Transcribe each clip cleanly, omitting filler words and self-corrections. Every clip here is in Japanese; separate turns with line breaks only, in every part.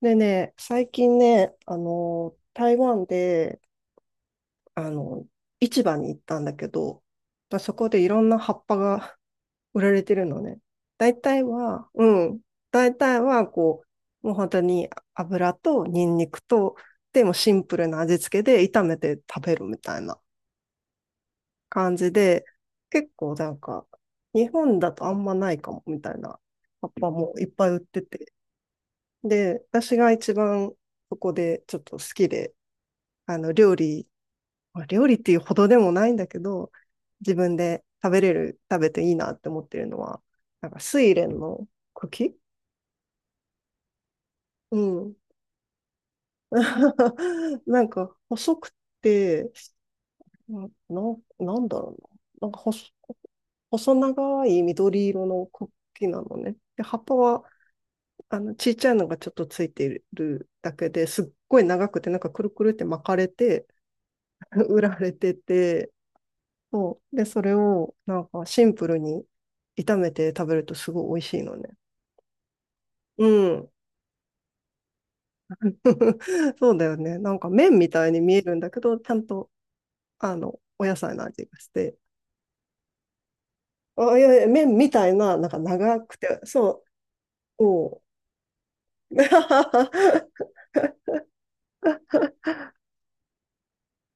でね、最近ね、台湾で、あの、市場に行ったんだけど、まあそこでいろんな葉っぱが 売られてるのね。大体は、うん、大体は、こう、もう本当に油とニンニクと、でもシンプルな味付けで炒めて食べるみたいな感じで、結構なんか、日本だとあんまないかもみたいな葉っぱもいっぱい売ってて。で、私が一番そこでちょっと好きで、あの、料理、料理っていうほどでもないんだけど、自分で食べれる、食べていいなって思ってるのは、なんか、睡蓮の茎うん。なんか、細くて、な、なんなんだろうな。なんか細長い緑色の茎なのね。で、葉っぱは、ちっちゃいのがちょっとついてるだけですっごい長くて、なんかくるくるって巻かれて、売られてて、そう。で、それをなんかシンプルに炒めて食べるとすごい美味しいのね。うん。そうだよね。なんか麺みたいに見えるんだけど、ちゃんとお野菜の味がして。あ、いやいや、麺みたいな、なんか長くて、そう、おう。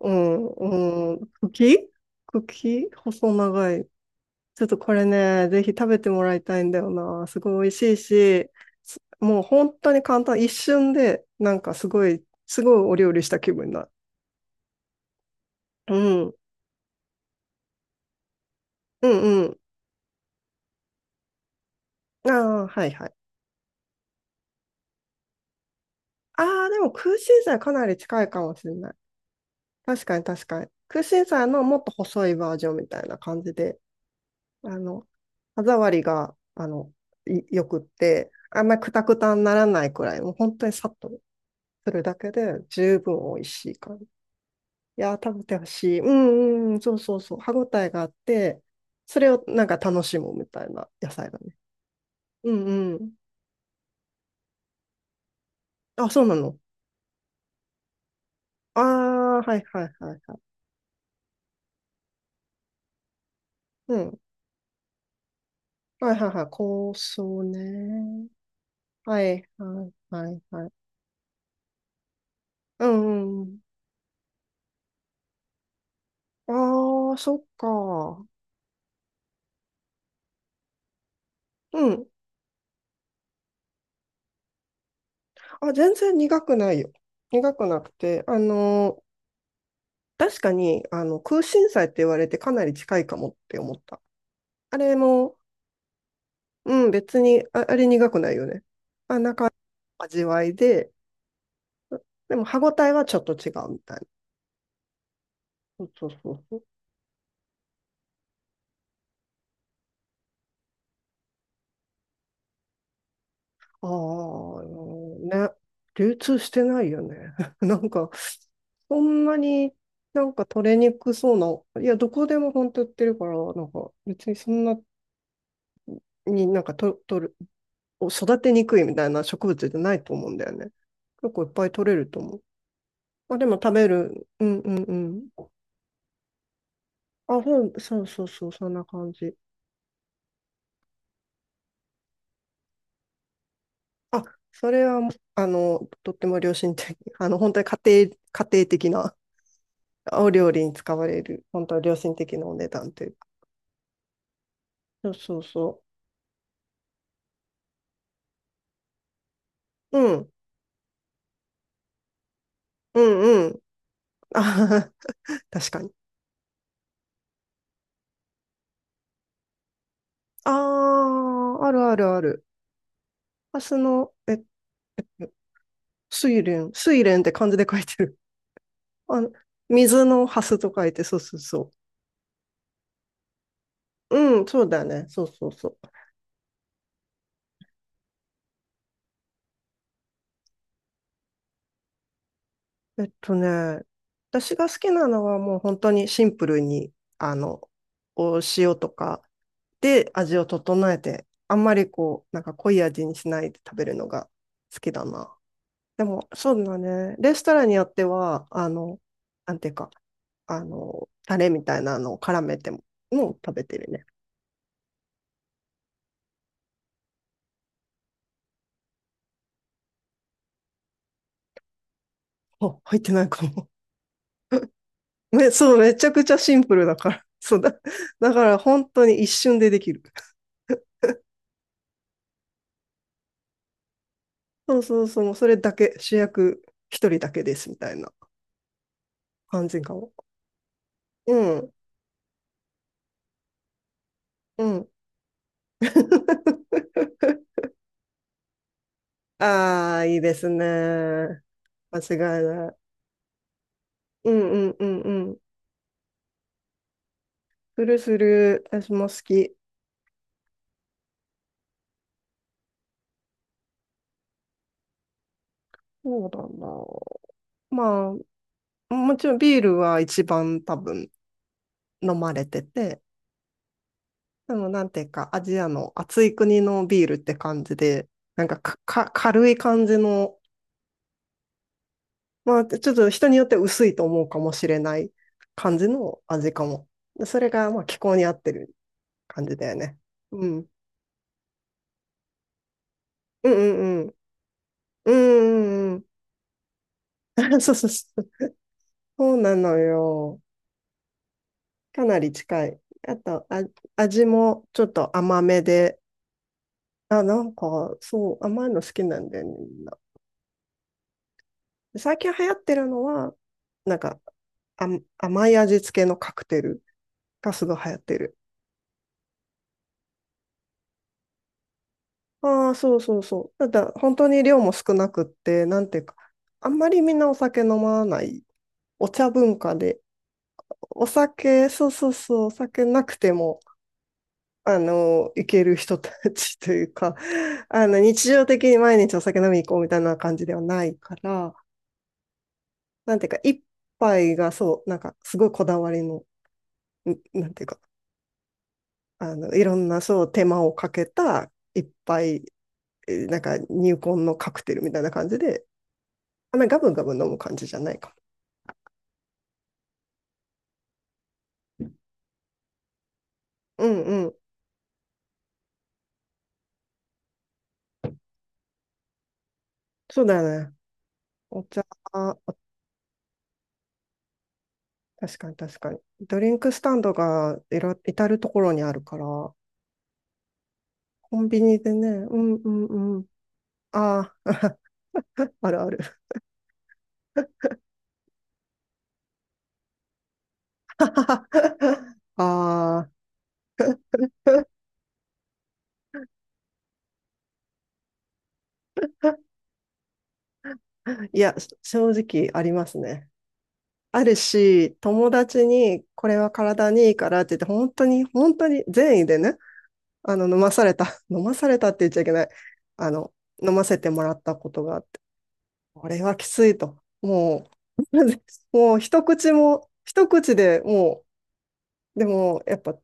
うん、うん、茎細長い。ちょっとこれね、ぜひ食べてもらいたいんだよな。すごい美味しいし、もう本当に簡単、一瞬で、なんかすごい、すごいお料理した気分になる。うん。うんうん。ああ、はいはい。ああ、でも空心菜かなり近いかもしれない。確かに確かに。空心菜のもっと細いバージョンみたいな感じで、あの、歯触りが、いよくって、あんまりクタクタにならないくらい、もう本当にさっとするだけで十分美味しい。いやー、食べてほしい。うんうん、そうそうそう。歯ごたえがあって、それをなんか楽しむみたいな野菜だね。うんうん。あ、そうなの。ああ、はいはいはいはい。うん。はいはいはい。香草ね。はいはいはいはい。うんうん。ああ、そっか。うん。あ、全然苦くないよ。苦くなくて、確かに、空心菜って言われてかなり近いかもって思った。あれも、うん、別に、あ、あれ苦くないよね。味わいで、でも歯ごたえはちょっと違うみたいな。そうそうそうそう。ああ、ね。流通してないよね。なんか、そんなになんか取れにくそうな、いや、どこでも本当売ってるから、なんか別にそんなになんかと取る、育てにくいみたいな植物じゃないと思うんだよね。結構いっぱい取れると思う。あ、でも食べる。うんうんうん。あ、そうそうそう、そんな感じ。あ、それは、とっても良心的。本当に家庭的なお料理に使われる、本当は良心的なお値段というか。そうそうそう。うん、うん、うん。あ 確かに。ああ、あるあるある。ハスの、え、睡蓮。睡蓮って漢字で書いてる。あの、水のハスと書いて、そうそうそう。うん、そうだね。そうそうそう。えっとね、私が好きなのはもう本当にシンプルに、あの、お塩とか、で味を整えて、あんまりこう、なんか濃い味にしないで食べるのが好きだな。でも、そうだね。レストランによっては、なんていうか、タレみたいなのを絡めても、もう食べてるね。あ、入ってないかも。そう、めちゃくちゃシンプルだから。そうだ。だから本当に一瞬でできる。そうそうそう、もうそれだけ、主役一人だけですみたいな感じかも。うん、うん。ああ、いいですね。間違いない。うんうんうんうん。するする。私も好き。そうだな。まあ、もちろんビールは一番多分飲まれてて、でもなんていうか、アジアの暑い国のビールって感じで、なんか、軽い感じの、まあ、ちょっと人によって薄いと思うかもしれない感じの味かも。でそれが、まあ、気候に合ってる感じだよね。うん。うんうんうん。うんうんうん。そうそうそう。そうなのよ。かなり近い。あと、あ、味もちょっと甘めで、あ、なんか、そう、甘いの好きなんだよね、みんな。最近流行ってるのは、なんか、あ、甘い味付けのカクテルがすごい流行ってる。ああ、そうそうそう。ただ、本当に量も少なくって、なんていうか、あんまりみんなお酒飲まない。お茶文化で、お酒、そうそうそう、お酒なくても、行ける人たちというか、日常的に毎日お酒飲みに行こうみたいな感じではないから、なんていうか、一杯がそう、なんか、すごいこだわりの、なんていうか、いろんな、そう、手間をかけた一杯、なんか、入魂のカクテルみたいな感じで、あんまりガブガブ飲む感じじゃないかも。うんうん。そうだよね。お茶、確かに確かに。ドリンクスタンドが至るところにあるから、コンビニでね、うんうんうん。ああ、あるある。ああ、いや、正直ありますね。あるし、友達にこれは体にいいからって言って、本当に、本当に善意でね、飲まされた、飲まされたって言っちゃいけない。あの、飲ませてもらったことがあって、これはきついと。もう、もう一口も、一口でもう、でも、やっぱ、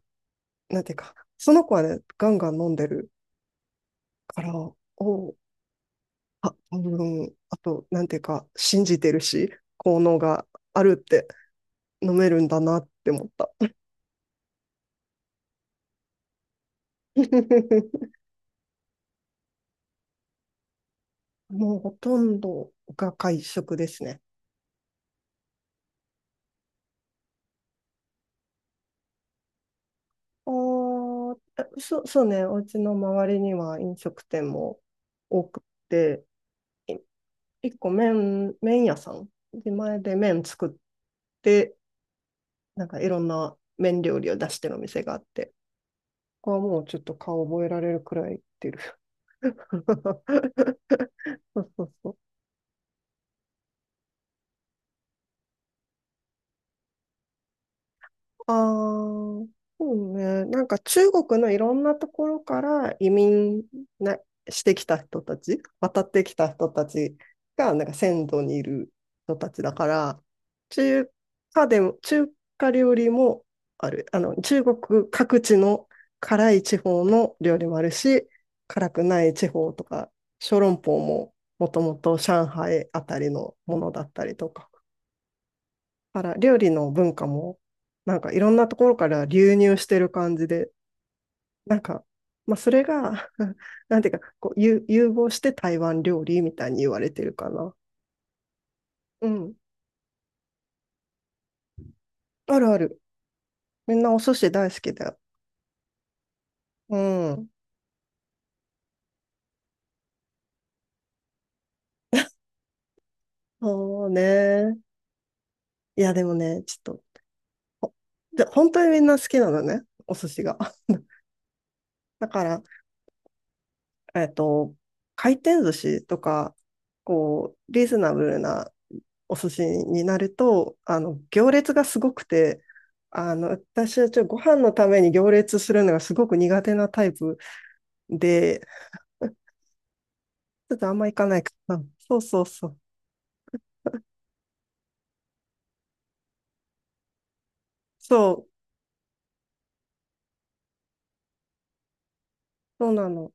なんていうか、その子はね、ガンガン飲んでるから、おあと、なんていうか、信じてるし、効能があるって、飲めるんだなって思った。もうほとんどが会食ですね。あーえそう、そうね、お家の周りには飲食店も多くて、い一個麺屋さん、自前で麺作って、なんかいろんな麺料理を出してるお店があって、ここはもうちょっと顔覚えられるくらい行ってる。そうそうそう。ああ、そうね。なんか中国のいろんなところから移民なしてきた人たち、渡ってきた人たちが、なんか先祖にいる人たちだから、中華でも、中華料理もある。中国各地の辛い地方の料理もあるし、辛くない地方とか、小籠包ももともと上海あたりのものだったりとか。から料理の文化も、なんかいろんなところから流入してる感じで、なんか、まあそれが なんていうか、こう、融合して台湾料理みたいに言われてるかな。うん。あるある。みんなお寿司大好きだよ。うん。そうね。いや、でもね、ちょっと、ほで、本当にみんな好きなのね、お寿司が。だから、えっと、回転寿司とか、こう、リーズナブルなお寿司になると、行列がすごくて、私はちょっとご飯のために行列するのがすごく苦手なタイプで、ちょっとあんま行かないかな。そうそうそう。そう、そうなの。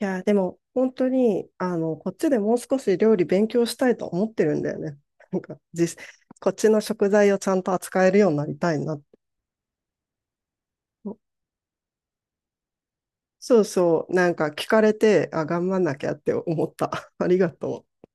いや、でも本当に、こっちでもう少し料理勉強したいと思ってるんだよね。なんか、こっちの食材をちゃんと扱えるようになりたいな。そうそう、なんか聞かれて、あ、頑張んなきゃって思った。ありがとう。